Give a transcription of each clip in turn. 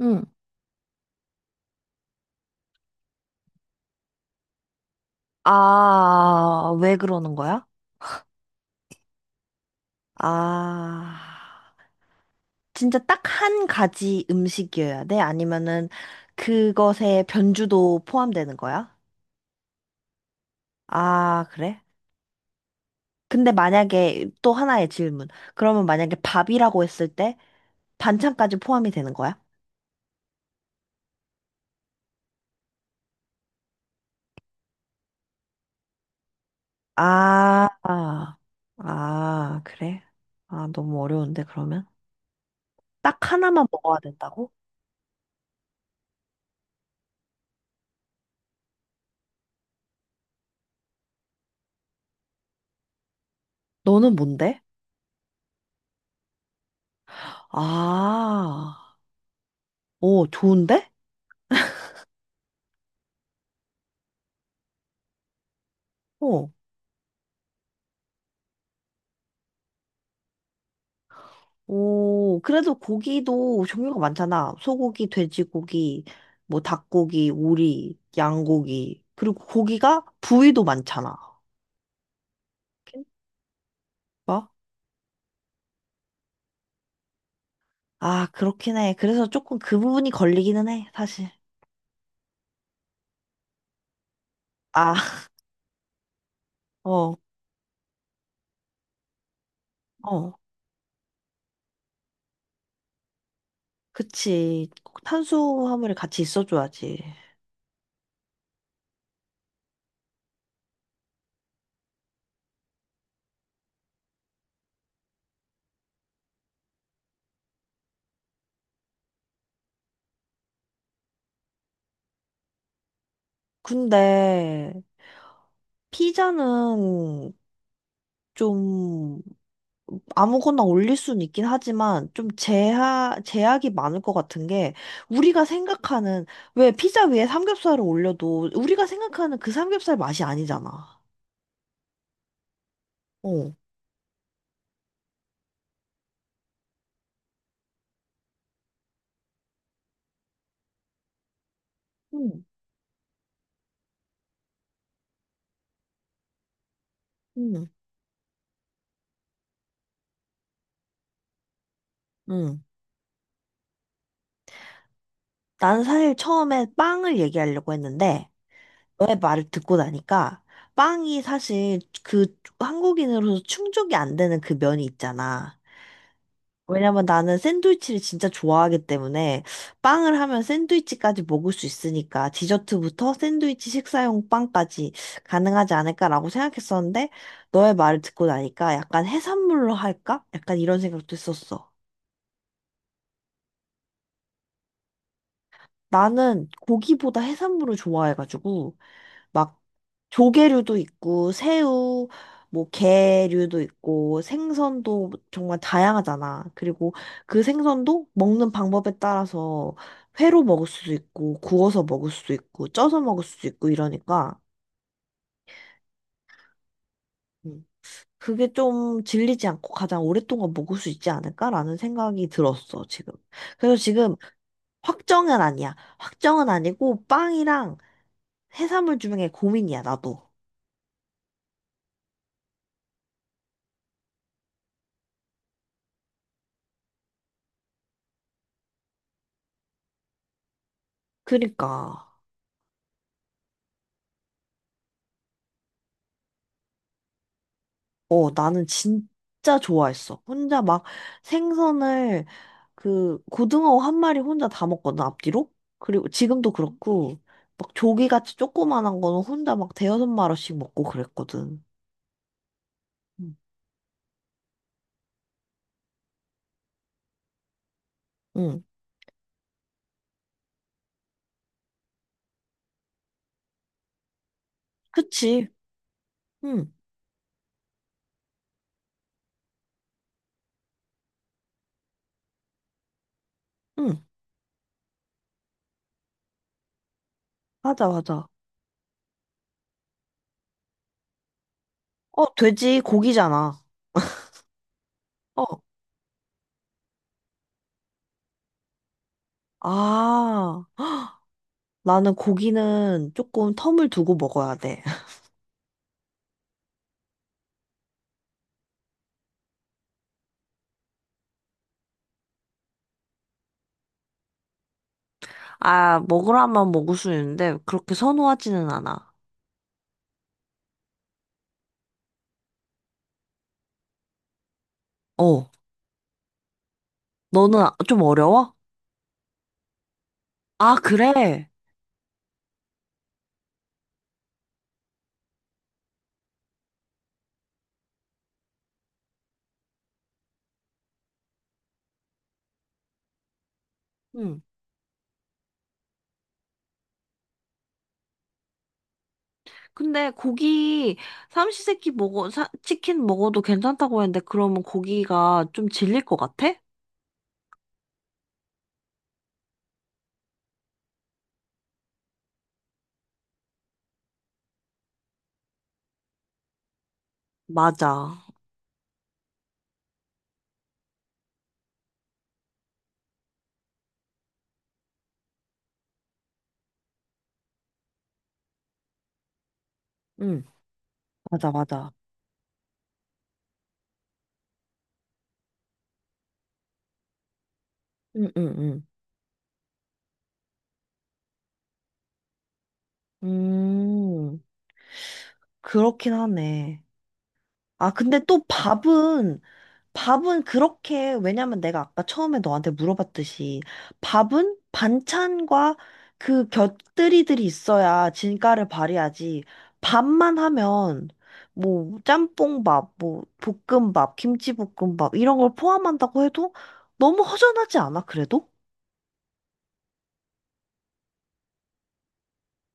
응. 아, 왜 그러는 거야? 아, 진짜 딱 한 가지 음식이어야 돼? 아니면은 그것에 변주도 포함되는 거야? 아, 그래? 근데 만약에 또 하나의 질문. 그러면 만약에 밥이라고 했을 때 반찬까지 포함이 되는 거야? 아, 아, 아, 그래? 아, 너무 어려운데, 그러면? 딱 하나만 먹어야 된다고? 너는 뭔데? 아, 오, 좋은데? 어. 오, 그래도 고기도 종류가 많잖아. 소고기, 돼지고기, 뭐 닭고기, 오리, 양고기. 그리고 고기가 부위도 많잖아. 뭐? 아, 그렇긴 해. 그래서 조금 그 부분이 걸리기는 해, 사실. 아, 어, 어. 그치. 꼭 탄수화물이 같이 있어줘야지. 근데 피자는 좀 아무거나 올릴 수는 있긴 하지만 좀 제약이 많을 것 같은 게 우리가 생각하는 왜 피자 위에 삼겹살을 올려도 우리가 생각하는 그 삼겹살 맛이 아니잖아. 어. 응, 응. 음. 난 사실 처음에 빵을 얘기하려고 했는데 너의 말을 듣고 나니까 빵이 사실 그 한국인으로서 충족이 안 되는 그 면이 있잖아. 왜냐면 나는 샌드위치를 진짜 좋아하기 때문에 빵을 하면 샌드위치까지 먹을 수 있으니까 디저트부터 샌드위치 식사용 빵까지 가능하지 않을까라고 생각했었는데 너의 말을 듣고 나니까 약간 해산물로 할까? 약간 이런 생각도 했었어. 나는 고기보다 해산물을 좋아해가지고 막 조개류도 있고 새우, 뭐 게류도 있고 생선도 정말 다양하잖아. 그리고 그 생선도 먹는 방법에 따라서 회로 먹을 수도 있고 구워서 먹을 수도 있고 쪄서 먹을 수도 있고 이러니까 음, 그게 좀 질리지 않고 가장 오랫동안 먹을 수 있지 않을까라는 생각이 들었어, 지금. 그래서 지금 확정은 아니야. 확정은 아니고 빵이랑 해산물 중에 고민이야, 나도. 그니까. 어, 나는 진짜 좋아했어. 혼자 막 생선을 그 고등어 한 마리 혼자 다 먹거든, 앞뒤로. 그리고 지금도 그렇고, 막 조기같이 조그만한 거는 혼자 막 대여섯 마리씩 먹고 그랬거든. 응, 응, 그치. 응, 응, 맞아, 맞아. 어, 돼지 고기잖아. 어, 아, 나는 고기는 조금 텀을 두고 먹어야 돼. 아, 먹으라면 먹을 수 있는데 그렇게 선호하지는 않아. 어, 너는 아, 좀 어려워? 아, 그래. 응. 근데 고기 삼시세끼 먹어, 치킨 먹어도 괜찮다고 했는데 그러면 고기가 좀 질릴 것 같아? 맞아. 응. 맞아, 맞아. 응, 응, 응. 음, 그렇긴 하네. 아, 근데 또 밥은 그렇게, 왜냐면 내가 아까 처음에 너한테 물어봤듯이, 밥은 반찬과 그 곁들이들이 있어야 진가를 발휘하지. 밥만 하면, 뭐, 짬뽕밥, 뭐, 볶음밥, 김치볶음밥, 이런 걸 포함한다고 해도 너무 허전하지 않아, 그래도?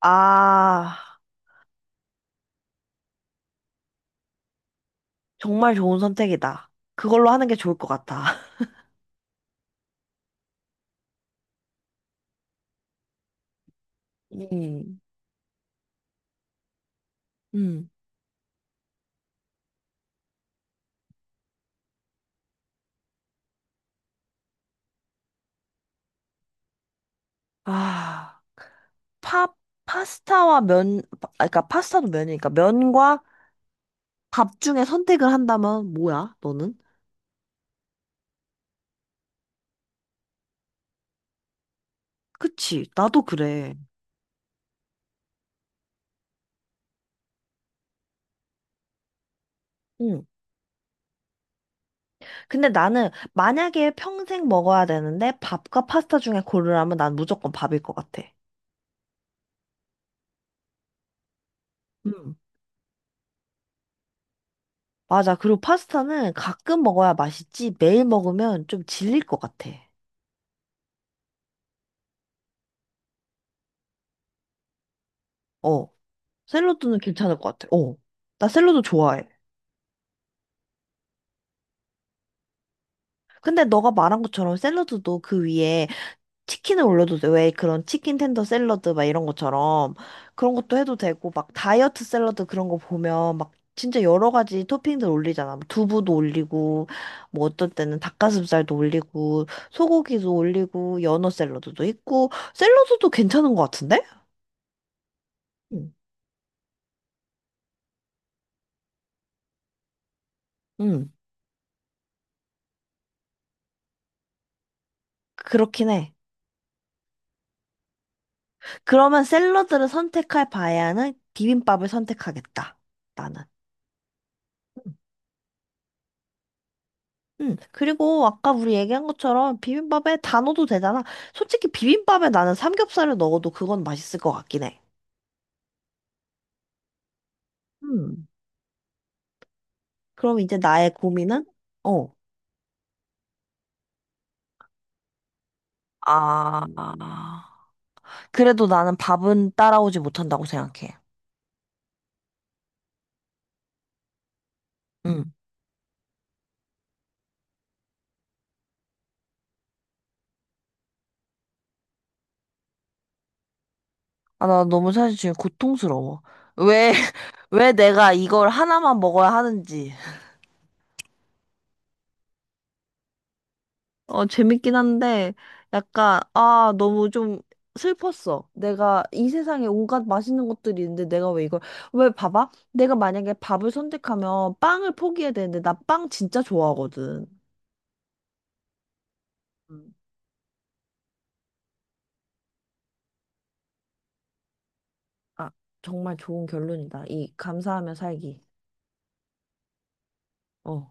아, 정말 좋은 선택이다. 그걸로 하는 게 좋을 것 같아. 음, 음. 아. 파, 파스타와 면, 아, 그러니까 파스타도 면이니까 면과 밥 중에 선택을 한다면 뭐야, 너는? 그치, 나도 그래. 응. 근데 나는 만약에 평생 먹어야 되는데 밥과 파스타 중에 고르라면 난 무조건 밥일 것 같아. 응. 맞아. 그리고 파스타는 가끔 먹어야 맛있지 매일 먹으면 좀 질릴 것 같아. 어. 샐러드는 괜찮을 것 같아. 어. 나 샐러드 좋아해. 근데 너가 말한 것처럼 샐러드도 그 위에 치킨을 올려도 돼. 왜 그런 치킨 텐더 샐러드 막 이런 것처럼 그런 것도 해도 되고 막 다이어트 샐러드 그런 거 보면 막 진짜 여러 가지 토핑들 올리잖아. 뭐 두부도 올리고 뭐 어떤 때는 닭가슴살도 올리고 소고기도 올리고 연어 샐러드도 있고 샐러드도 괜찮은 것 같은데? 응. 응. 그렇긴 해. 그러면 샐러드를 선택할 바에는 비빔밥을 선택하겠다. 나는. 응. 그리고 아까 우리 얘기한 것처럼 비빔밥에 다 넣어도 되잖아. 솔직히 비빔밥에 나는 삼겹살을 넣어도 그건 맛있을 것 같긴 해. 음. 그럼 이제 나의 고민은? 어. 아, 그래도 나는 밥은 따라오지 못한다고 생각해. 응. 아, 나 너무 사실 지금 고통스러워. 왜, 왜 내가 이걸 하나만 먹어야 하는지. 어, 재밌긴 한데, 약간, 아, 너무 좀 슬펐어. 내가 이 세상에 온갖 맛있는 것들이 있는데 내가 왜 이걸, 왜 봐봐? 내가 만약에 밥을 선택하면 빵을 포기해야 되는데, 나 빵 진짜 좋아하거든. 음. 아, 정말 좋은 결론이다. 이 감사하며 살기. 어.